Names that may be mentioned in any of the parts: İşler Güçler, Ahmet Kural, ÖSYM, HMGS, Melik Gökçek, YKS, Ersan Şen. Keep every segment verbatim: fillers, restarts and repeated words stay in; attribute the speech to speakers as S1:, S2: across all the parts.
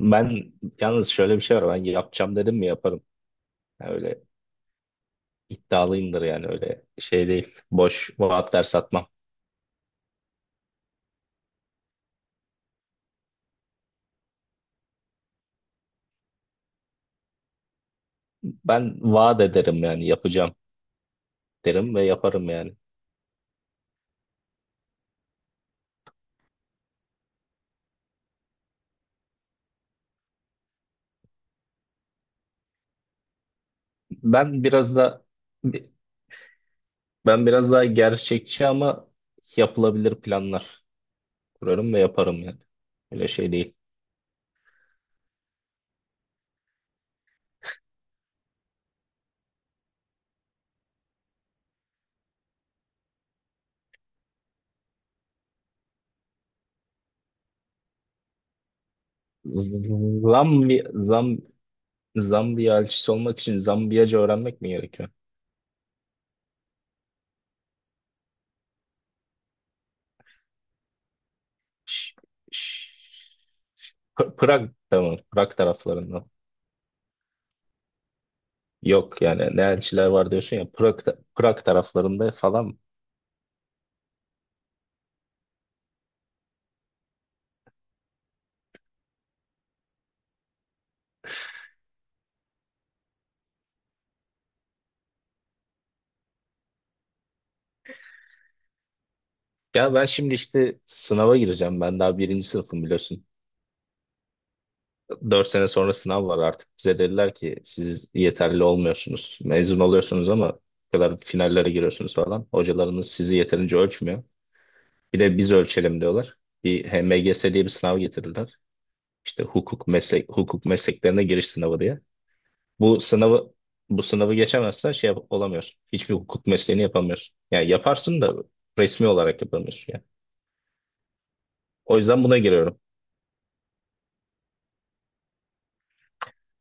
S1: Ben yalnız şöyle bir şey var. Ben yapacağım dedim mi yaparım. Yani öyle iddialıyımdır yani öyle şey değil. Boş vaatler satmam. Ben vaat ederim yani yapacağım derim ve yaparım yani. Ben biraz da ben biraz daha gerçekçi ama yapılabilir planlar kurarım ve yaparım yani. Öyle şey değil. Zambi, Zam, Zambiya elçisi olmak için Zambiyaca öğrenmek mi gerekiyor? Ş- ş- P- Prag tamam. Prag taraflarından. Yok yani ne elçiler var diyorsun ya Prag, Prag taraflarında falan. Ya ben şimdi işte sınava gireceğim. Ben daha birinci sınıfım biliyorsun. Dört sene sonra sınav var artık. Bize dediler ki siz yeterli olmuyorsunuz. Mezun oluyorsunuz ama bu kadar finallere giriyorsunuz falan. Hocalarınız sizi yeterince ölçmüyor. Bir de biz ölçelim diyorlar. Bir H M G S diye bir sınav getirirler. İşte hukuk meslek hukuk mesleklerine giriş sınavı diye. Bu sınavı bu sınavı geçemezsen şey yap- olamıyorsun. Hiçbir hukuk mesleğini yapamıyorsun. Yani yaparsın da resmi olarak yapamıyorsun yani. O yüzden buna giriyorum.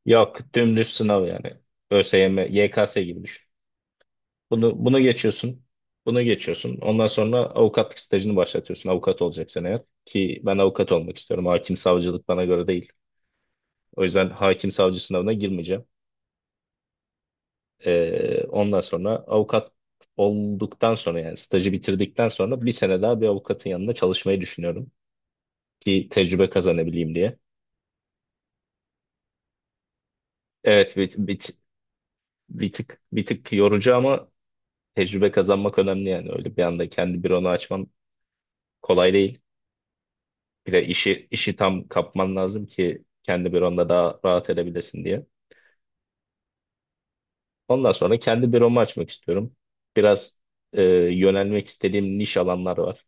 S1: Yok dümdüz sınav yani. ÖSYM, Y K S gibi düşün. Bunu, bunu geçiyorsun. Bunu geçiyorsun. Ondan sonra avukatlık stajını başlatıyorsun. Avukat olacaksın eğer. Ki ben avukat olmak istiyorum. Hakim savcılık bana göre değil. O yüzden hakim savcı sınavına girmeyeceğim. Ee, ondan sonra avukat olduktan sonra yani stajı bitirdikten sonra bir sene daha bir avukatın yanında çalışmayı düşünüyorum ki tecrübe kazanabileyim diye. Evet, bir, bir, bir tık bir tık yorucu ama tecrübe kazanmak önemli yani öyle bir anda kendi büronu açman kolay değil. Bir de işi işi tam kapman lazım ki kendi büronda daha rahat edebilesin diye. Ondan sonra kendi büromu açmak istiyorum. Biraz e, yönelmek istediğim niş alanlar var.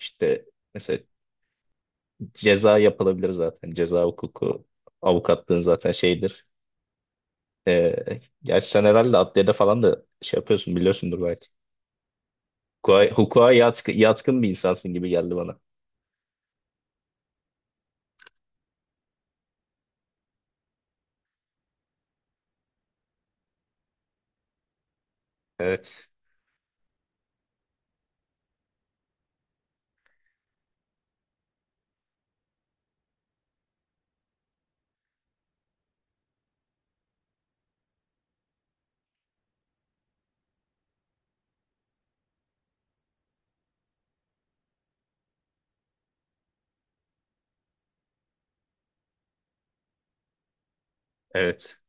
S1: İşte mesela ceza yapılabilir zaten. Ceza hukuku, avukatlığın zaten şeyidir. Ee, Gerçi sen herhalde adliyede falan da şey yapıyorsun biliyorsundur belki. Hukuka, hukuka yatkı- yatkın bir insansın gibi geldi bana. Evet, evet.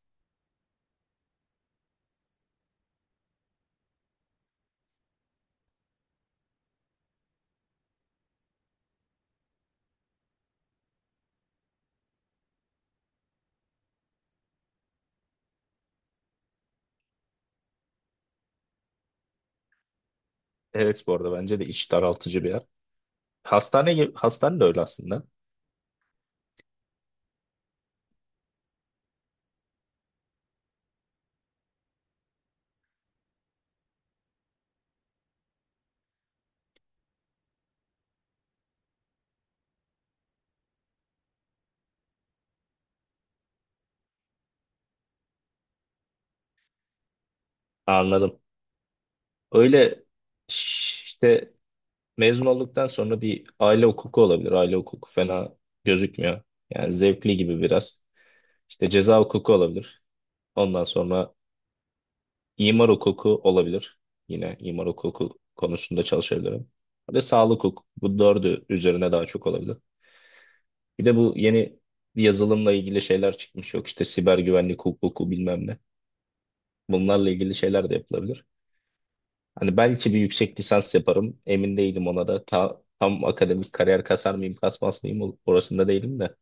S1: Evet, bu arada bence de iç daraltıcı bir yer. Hastane gibi, hastane de öyle aslında. Anladım. Öyle ş- işte mezun olduktan sonra bir aile hukuku olabilir. Aile hukuku fena gözükmüyor. Yani zevkli gibi biraz. İşte ceza hukuku olabilir. Ondan sonra İmar hukuku olabilir. Yine imar hukuku konusunda çalışabilirim. Ve sağlık hukuku. Bu dördü üzerine daha çok olabilir. Bir de bu yeni yazılımla ilgili şeyler çıkmış. Yok işte siber güvenlik hukuku bilmem ne. Bunlarla ilgili şeyler de yapılabilir. Hani belki bir yüksek lisans yaparım. Emin değilim ona da. Ta- tam akademik kariyer kasar mıyım, kasmaz mıyım orasında değilim de.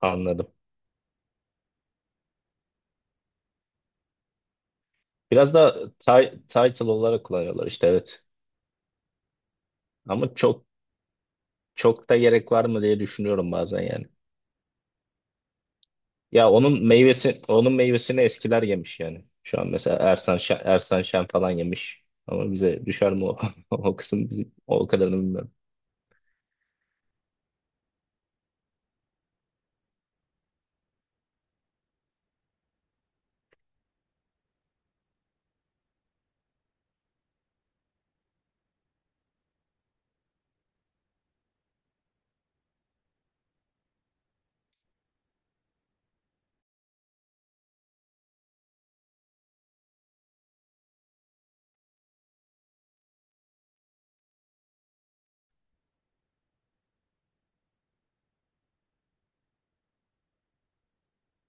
S1: Anladım. Biraz da ti- title olarak kullanıyorlar işte, evet. Ama çok çok da gerek var mı diye düşünüyorum bazen yani. Ya onun meyvesi onun meyvesini eskiler yemiş yani. Şu an mesela Ersan Şen, Ersan Şen falan yemiş. Ama bize düşer mi o, o kısım bizim, o kadarını bilmiyorum.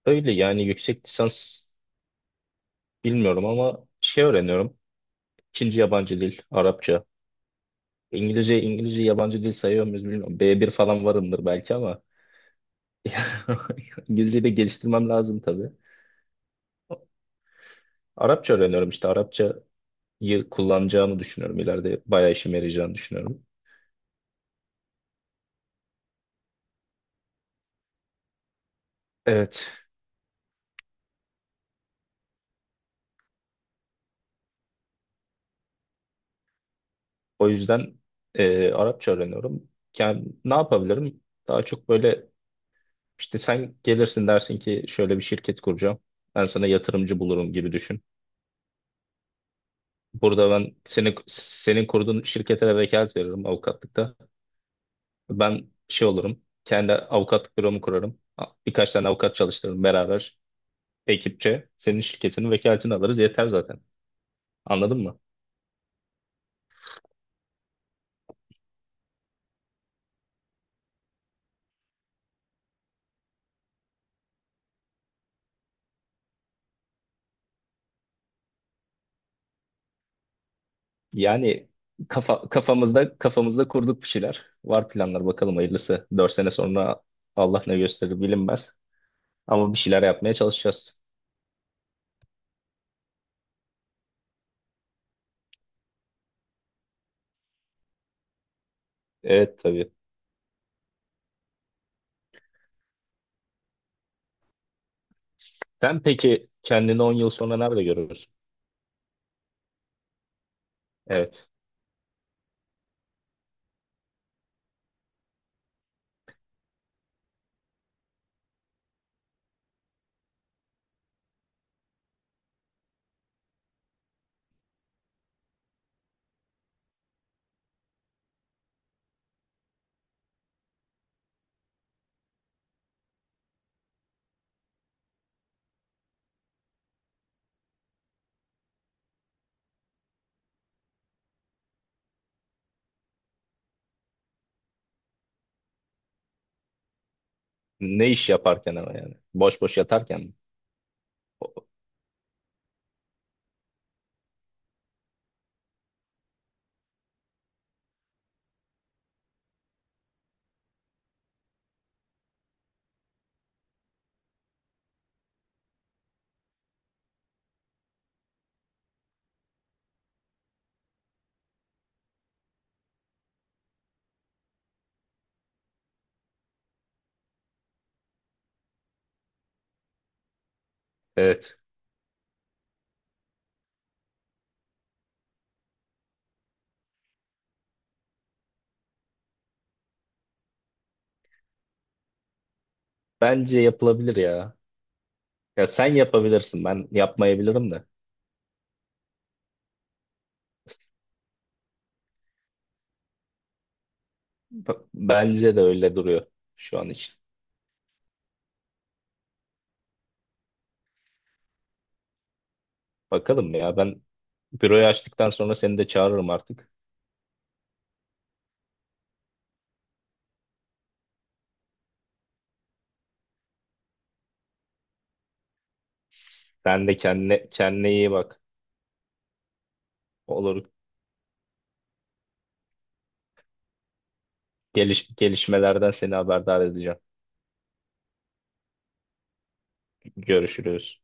S1: Öyle yani yüksek lisans bilmiyorum ama şey öğreniyorum. İkinci yabancı dil Arapça. İngilizce İngilizce yabancı dil sayıyor muyuz bilmiyorum. B bir falan varımdır belki ama İngilizceyi de geliştirmem lazım tabii. Arapça öğreniyorum, işte Arapçayı kullanacağımı düşünüyorum. İleride bayağı işime yarayacağını düşünüyorum. Evet. O yüzden e, Arapça öğreniyorum. Yani ne yapabilirim? Daha çok böyle işte sen gelirsin dersin ki şöyle bir şirket kuracağım. Ben sana yatırımcı bulurum gibi düşün. Burada ben senin senin kurduğun şirkete de vekalet veririm avukatlıkta. Ben şey olurum. Kendi avukatlık büromu kurarım. Birkaç tane avukat çalıştırırım beraber ekipçe. Senin şirketinin vekaletini alırız yeter zaten. Anladın mı? Yani kafa, kafamızda kafamızda kurduk bir şeyler. Var planlar, bakalım hayırlısı. Dört sene sonra Allah ne gösterir bilinmez. Ama bir şeyler yapmaya çalışacağız. Evet tabii. Sen peki kendini on yıl sonra nerede görürsün? Evet. Ne iş yaparken ama yani? Boş boş yatarken mi? Evet. Bence yapılabilir ya. Ya sen yapabilirsin. Ben yapmayabilirim de. B- Bence de öyle duruyor şu an için. Bakalım ya, ben büroyu açtıktan sonra seni de çağırırım artık. Sen de kendine, kendine iyi bak. Olur. geliş, gelişmelerden seni haberdar edeceğim. Görüşürüz.